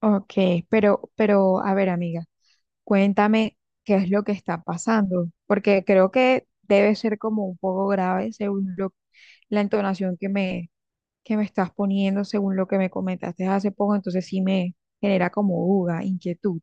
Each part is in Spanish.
Ok, pero, a ver, amiga, cuéntame qué es lo que está pasando, porque creo que debe ser como un poco grave según la entonación que que me estás poniendo, según lo que me comentaste hace poco, entonces sí me genera como duda, inquietud.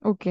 Ok,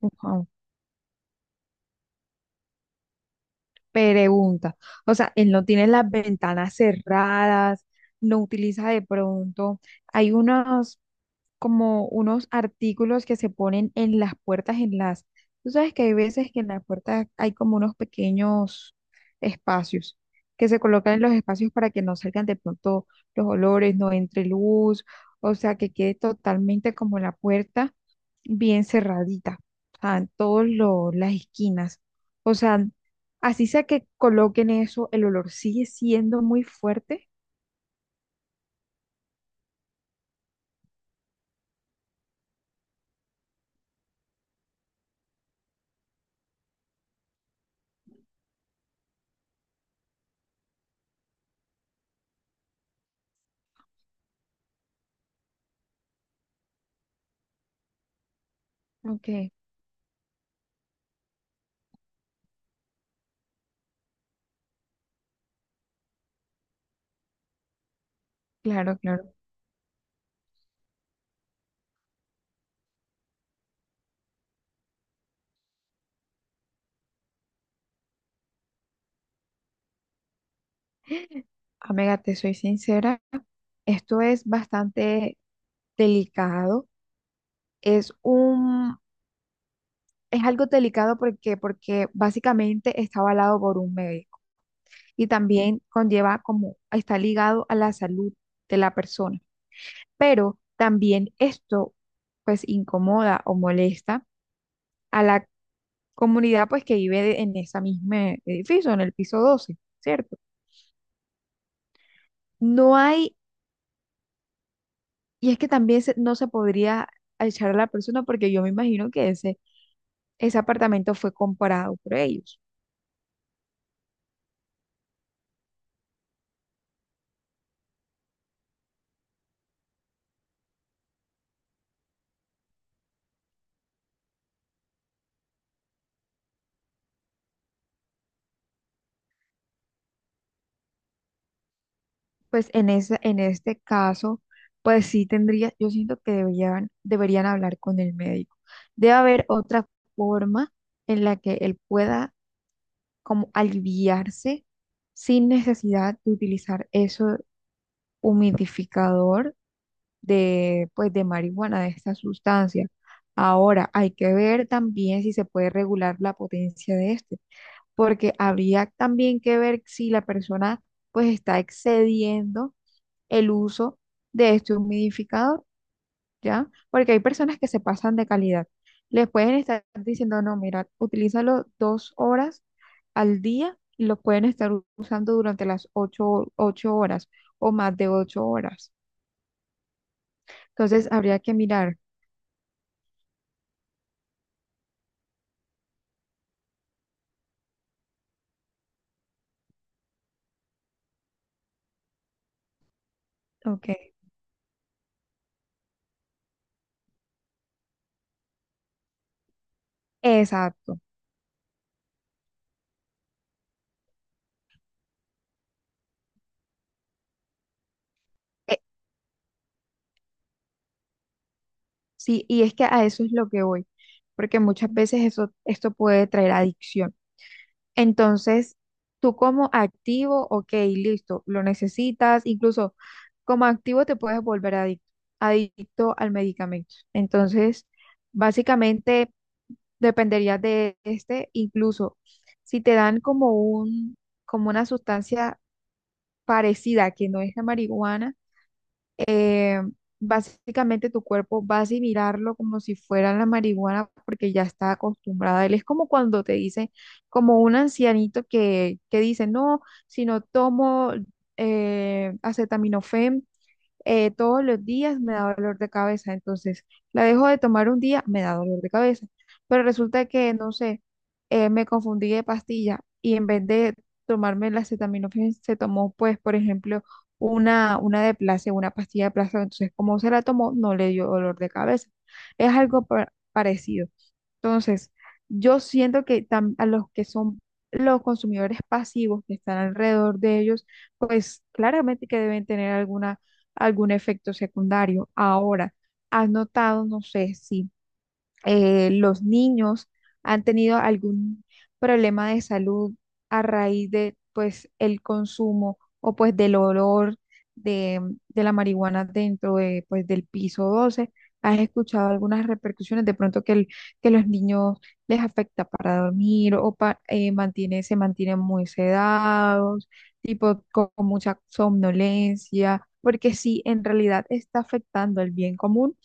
ujú. Pregunta. O sea, él no tiene las ventanas cerradas, no utiliza de pronto. Hay unos. Como unos artículos que se ponen en las puertas, en las... Tú sabes que hay veces que en las puertas hay como unos pequeños espacios que se colocan en los espacios para que no salgan de pronto los olores, no entre luz, o sea, que quede totalmente como la puerta bien cerradita, o sea, en todas las esquinas. O sea, así sea que coloquen eso, el olor sigue siendo muy fuerte, aunque, claro, claro, amiga, te soy sincera. Esto es bastante delicado. Es un, es algo delicado porque básicamente está avalado por un médico y también conlleva como está ligado a la salud de la persona. Pero también esto pues incomoda o molesta a la comunidad pues que vive en ese mismo edificio, en el piso 12, ¿cierto? No hay, y es que también no se podría echar a la persona porque yo me imagino que ese apartamento fue comprado por ellos. Pues en en este caso, pues sí tendría, yo siento que deberían hablar con el médico. Debe haber otra forma en la que él pueda como aliviarse sin necesidad de utilizar ese humidificador de, pues, de marihuana, de esta sustancia. Ahora, hay que ver también si se puede regular la potencia de este, porque habría también que ver si la persona, pues, está excediendo el uso de este humidificador, ¿ya? Porque hay personas que se pasan de calidad. Les pueden estar diciendo, no, mira, utilízalo dos horas al día y lo pueden estar usando durante las 8, 8 horas o más de 8 horas. Entonces, habría que mirar, ok. Exacto. Eh, sí, y es que a eso es lo que voy, porque muchas veces eso, esto puede traer adicción. Entonces, tú como activo, ok, listo, lo necesitas, incluso como activo te puedes volver adicto, adicto al medicamento. Entonces, básicamente dependería de este, incluso si te dan como como una sustancia parecida que no es la marihuana eh, básicamente tu cuerpo va a asimilarlo como si fuera la marihuana porque ya está acostumbrada. Él es como cuando te dice, como un ancianito que dice, no, si no tomo acetaminofén, todos los días me da dolor de cabeza, entonces la dejo de tomar un día, me da dolor de cabeza, pero resulta que, no sé, me confundí de pastilla y en vez de tomarme la acetaminofén se tomó, pues, por ejemplo, una de placebo, una pastilla de placebo, entonces como se la tomó, no le dio dolor de cabeza. Es algo parecido. Entonces, yo siento que a los que son los consumidores pasivos que están alrededor de ellos, pues claramente que deben tener algún efecto secundario. Ahora, has notado, no sé si los niños han tenido algún problema de salud a raíz de pues el consumo o pues del olor de, de la marihuana dentro de, pues, del piso 12. ¿Has escuchado algunas repercusiones de pronto que, que los niños les afecta para dormir o mantiene, se mantienen muy sedados, tipo con mucha somnolencia? Porque sí, en realidad está afectando el bien común,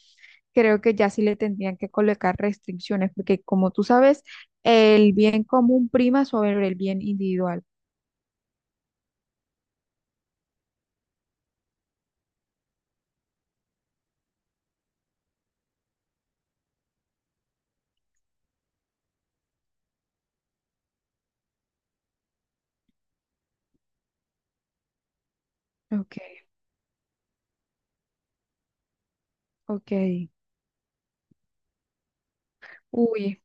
creo que ya sí le tendrían que colocar restricciones, porque como tú sabes, el bien común prima sobre el bien individual. Ok, ok. Uy,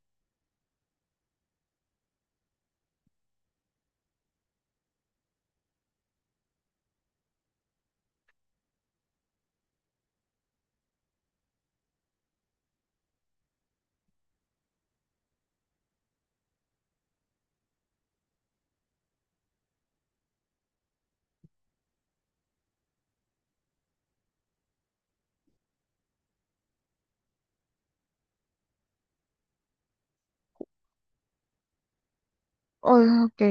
oh, ok,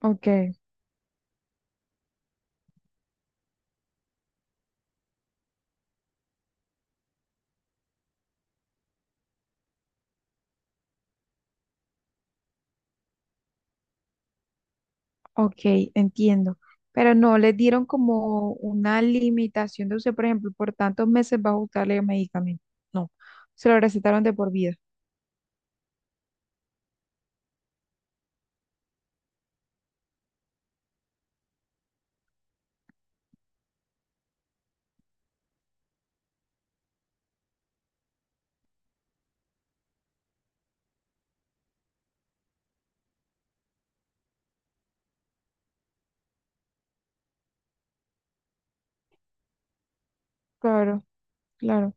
ok, ok, entiendo. Pero no, les dieron como una limitación de uso, por ejemplo, por tantos meses va a usarle el medicamento. No, se lo recetaron de por vida. Claro, claro.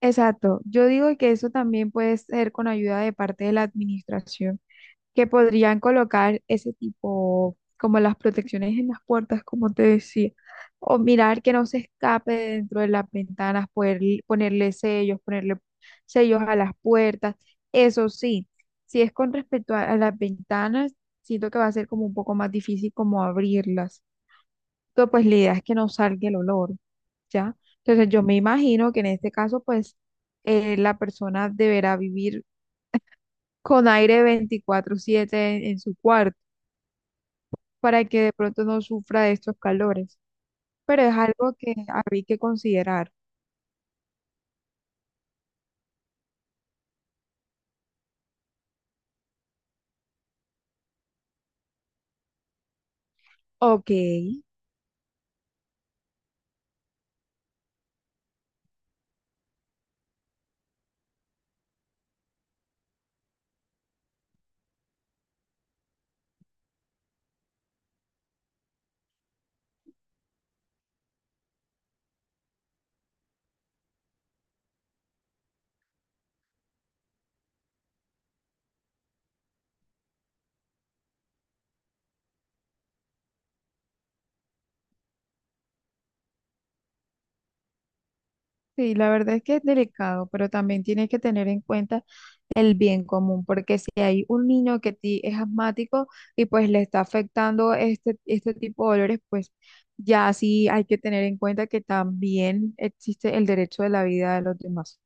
Exacto. Yo digo que eso también puede ser con ayuda de parte de la administración que podrían colocar ese tipo, como las protecciones en las puertas, como te decía, o mirar que no se escape dentro de las ventanas, poder, ponerle sellos a las puertas. Eso sí, si es con respecto a las ventanas, siento que va a ser como un poco más difícil como abrirlas. Entonces, pues la idea es que no salga el olor, ¿ya? Entonces, yo me imagino que en este caso, pues, la persona deberá vivir con aire 24/7 en su cuarto para que de pronto no sufra de estos calores. Pero es algo que habría que considerar. Ok, sí, la verdad es que es delicado, pero también tienes que tener en cuenta el bien común, porque si hay un niño que ti es asmático y pues le está afectando este, este tipo de dolores, pues ya sí hay que tener en cuenta que también existe el derecho de la vida de los demás,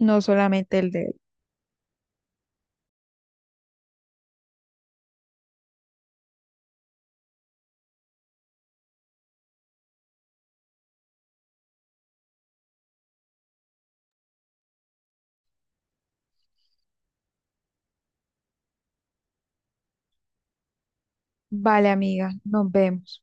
no solamente el de él. Vale, amiga, nos vemos.